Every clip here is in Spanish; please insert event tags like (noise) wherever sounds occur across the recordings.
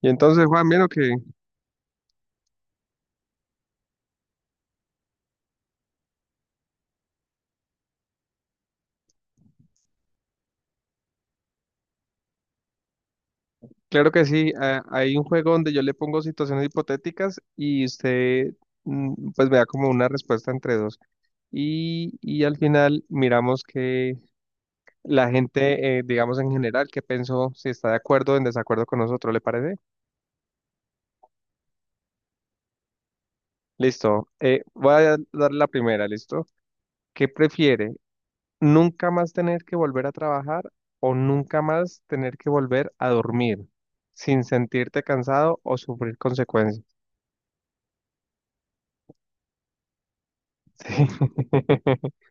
Y entonces, Juan, claro que sí, hay un juego donde yo le pongo situaciones hipotéticas y usted pues me da como una respuesta entre dos. Y al final miramos que la gente, digamos en general, qué pensó, si está de acuerdo o en desacuerdo con nosotros, ¿le parece? Listo, voy a dar la primera, ¿listo? ¿Qué prefiere? ¿Nunca más tener que volver a trabajar o nunca más tener que volver a dormir sin sentirte cansado o sufrir consecuencias? Sí. (laughs)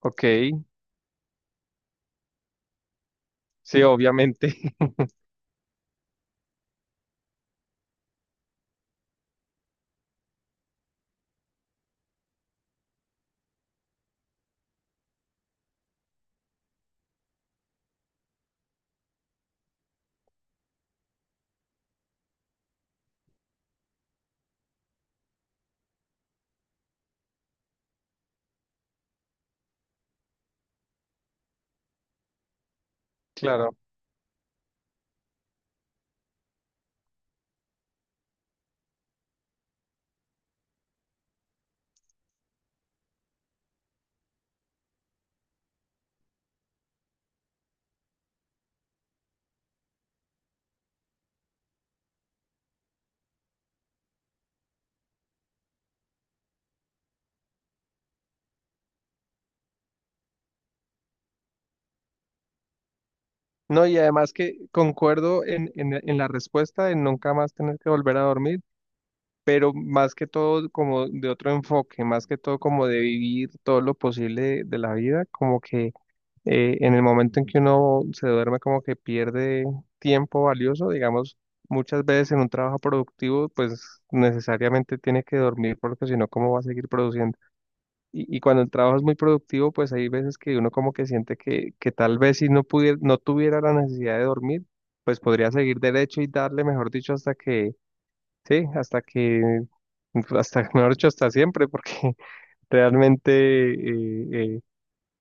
Ok, sí, obviamente. (laughs) Claro. No, y además que concuerdo en la respuesta de nunca más tener que volver a dormir, pero más que todo como de otro enfoque, más que todo como de vivir todo lo posible de la vida, como que en el momento en que uno se duerme como que pierde tiempo valioso, digamos, muchas veces en un trabajo productivo pues necesariamente tiene que dormir porque si no, ¿cómo va a seguir produciendo? Y cuando el trabajo es muy productivo, pues hay veces que uno como que siente que tal vez si no pudiera, no tuviera la necesidad de dormir, pues podría seguir derecho y darle, mejor dicho, hasta que, sí, hasta que, hasta, (laughs) mejor dicho, hasta siempre, porque (laughs) realmente eh, eh,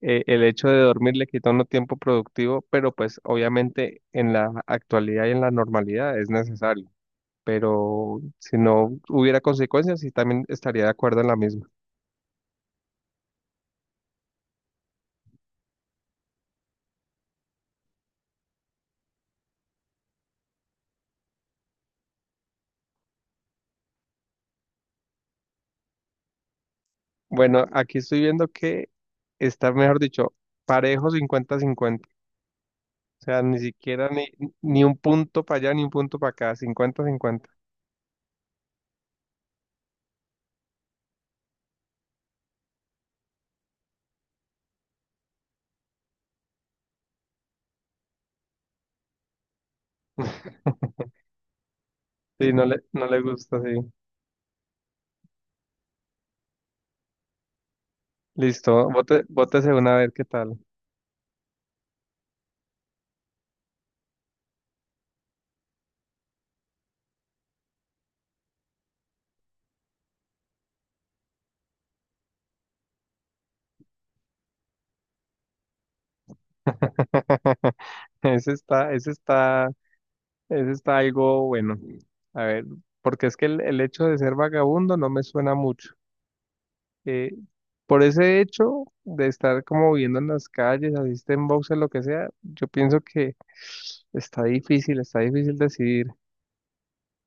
eh, el hecho de dormir le quita a uno tiempo productivo, pero pues obviamente en la actualidad y en la normalidad es necesario. Pero si no hubiera consecuencias, sí también estaría de acuerdo en la misma. Bueno, aquí estoy viendo que está, mejor dicho, parejo 50-50. O sea, ni siquiera ni, ni un punto para allá, ni un punto para acá, 50-50. (laughs) Sí, no le, (laughs) no le gusta, sí. Listo, bote, bótese una a ver qué tal. (laughs) Ese está, ese está, ese está algo bueno. A ver, porque es que el hecho de ser vagabundo no me suena mucho. Eh, por ese hecho de estar como viviendo en las calles, asiste en boxes, lo que sea, yo pienso que está difícil decidir.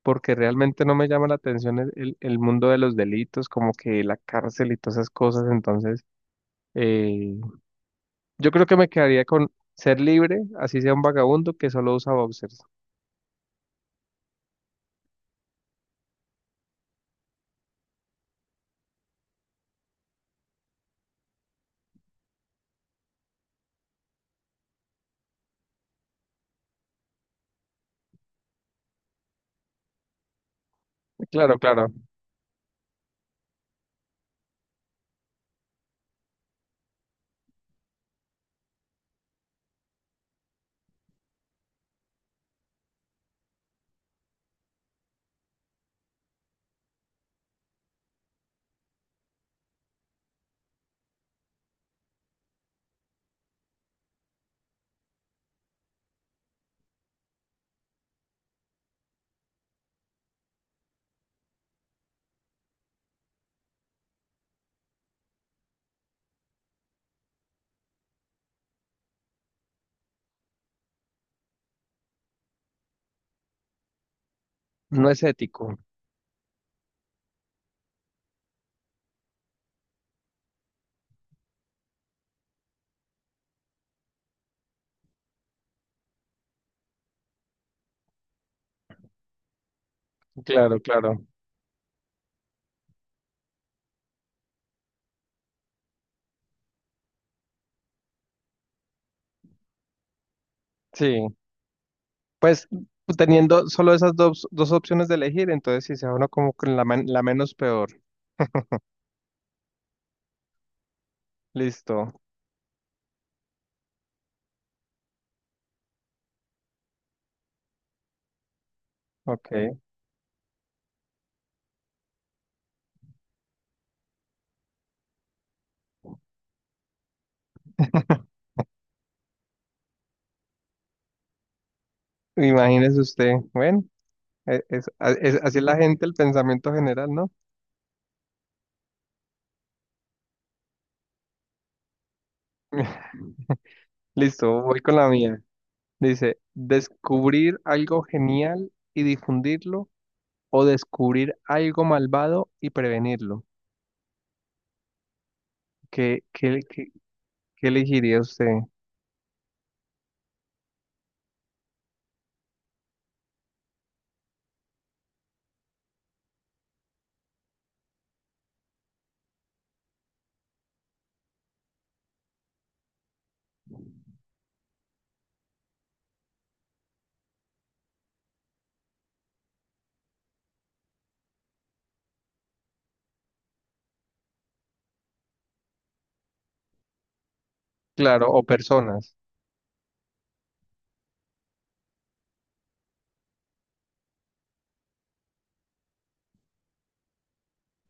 Porque realmente no me llama la atención el mundo de los delitos, como que la cárcel y todas esas cosas. Entonces, eh, yo creo que me quedaría con ser libre, así sea un vagabundo que solo usa boxers. Claro, claro, no es ético. Claro, claro. Sí, pues teniendo solo esas dos opciones de elegir, entonces si sea uno como con la menos peor. Listo, ok. Imagínese usted, bueno, así es la gente, el pensamiento general, ¿no? (laughs) Listo, voy con la mía. Dice, descubrir algo genial y difundirlo o descubrir algo malvado y prevenirlo. ¿Qué, qué, qué- qué elegiría usted? Claro, o personas.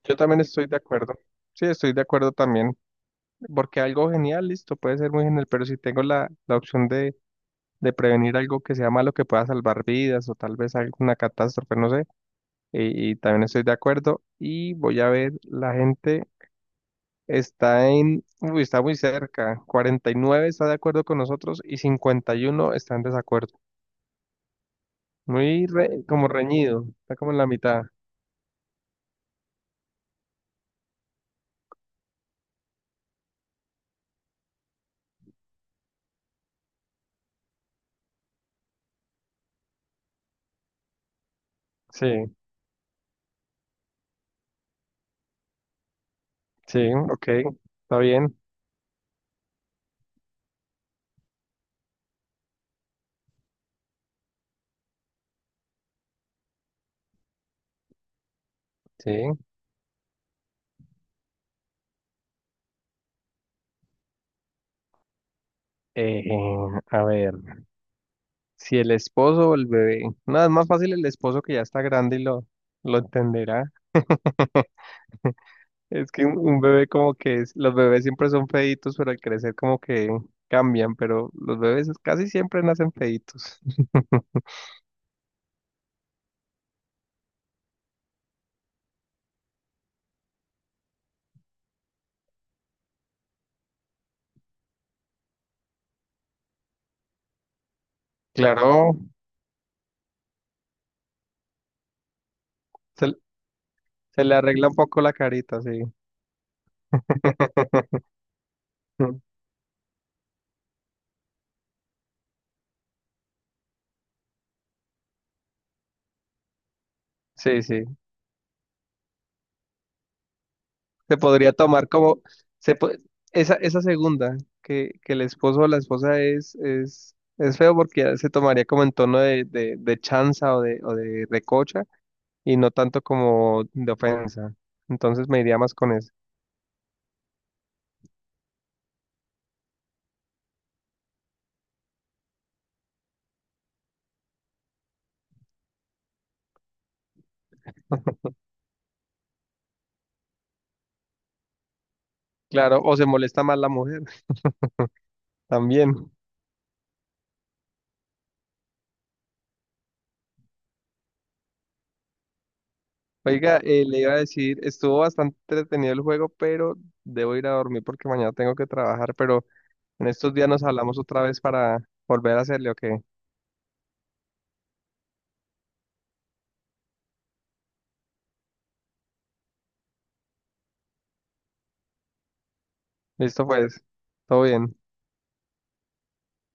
Yo también estoy de acuerdo. Sí, estoy de acuerdo también. Porque algo genial, listo, puede ser muy genial, pero si tengo la opción de prevenir algo que sea malo, que pueda salvar vidas o tal vez alguna catástrofe, no sé. Y también estoy de acuerdo. Y voy a ver la gente. Está en, uy, está muy cerca. 49 está de acuerdo con nosotros y 51 está en desacuerdo. Muy como reñido, está como en la mitad. Sí, sí, ok, está bien. Sí. Eh, a ver, si el esposo o el bebé. Nada, es más fácil el esposo que ya está grande y lo entenderá. Es que un bebé como que los bebés siempre son feitos, pero al crecer como que cambian, pero los bebés casi siempre nacen feitos. (laughs) Claro, se- se le arregla un poco la carita, sí. (laughs) Sí, sí. Se podría tomar como se po- esa segunda, que el esposo o la esposa es feo porque ya se tomaría como en tono de chanza o de recocha y no tanto como de ofensa. Entonces me iría más con eso. Claro, o se molesta más la mujer (laughs) también. Oiga, le iba a decir, estuvo bastante entretenido el juego, pero debo ir a dormir porque mañana tengo que trabajar, pero en estos días nos hablamos otra vez para volver a hacerle, ¿o qué? Listo pues, todo bien.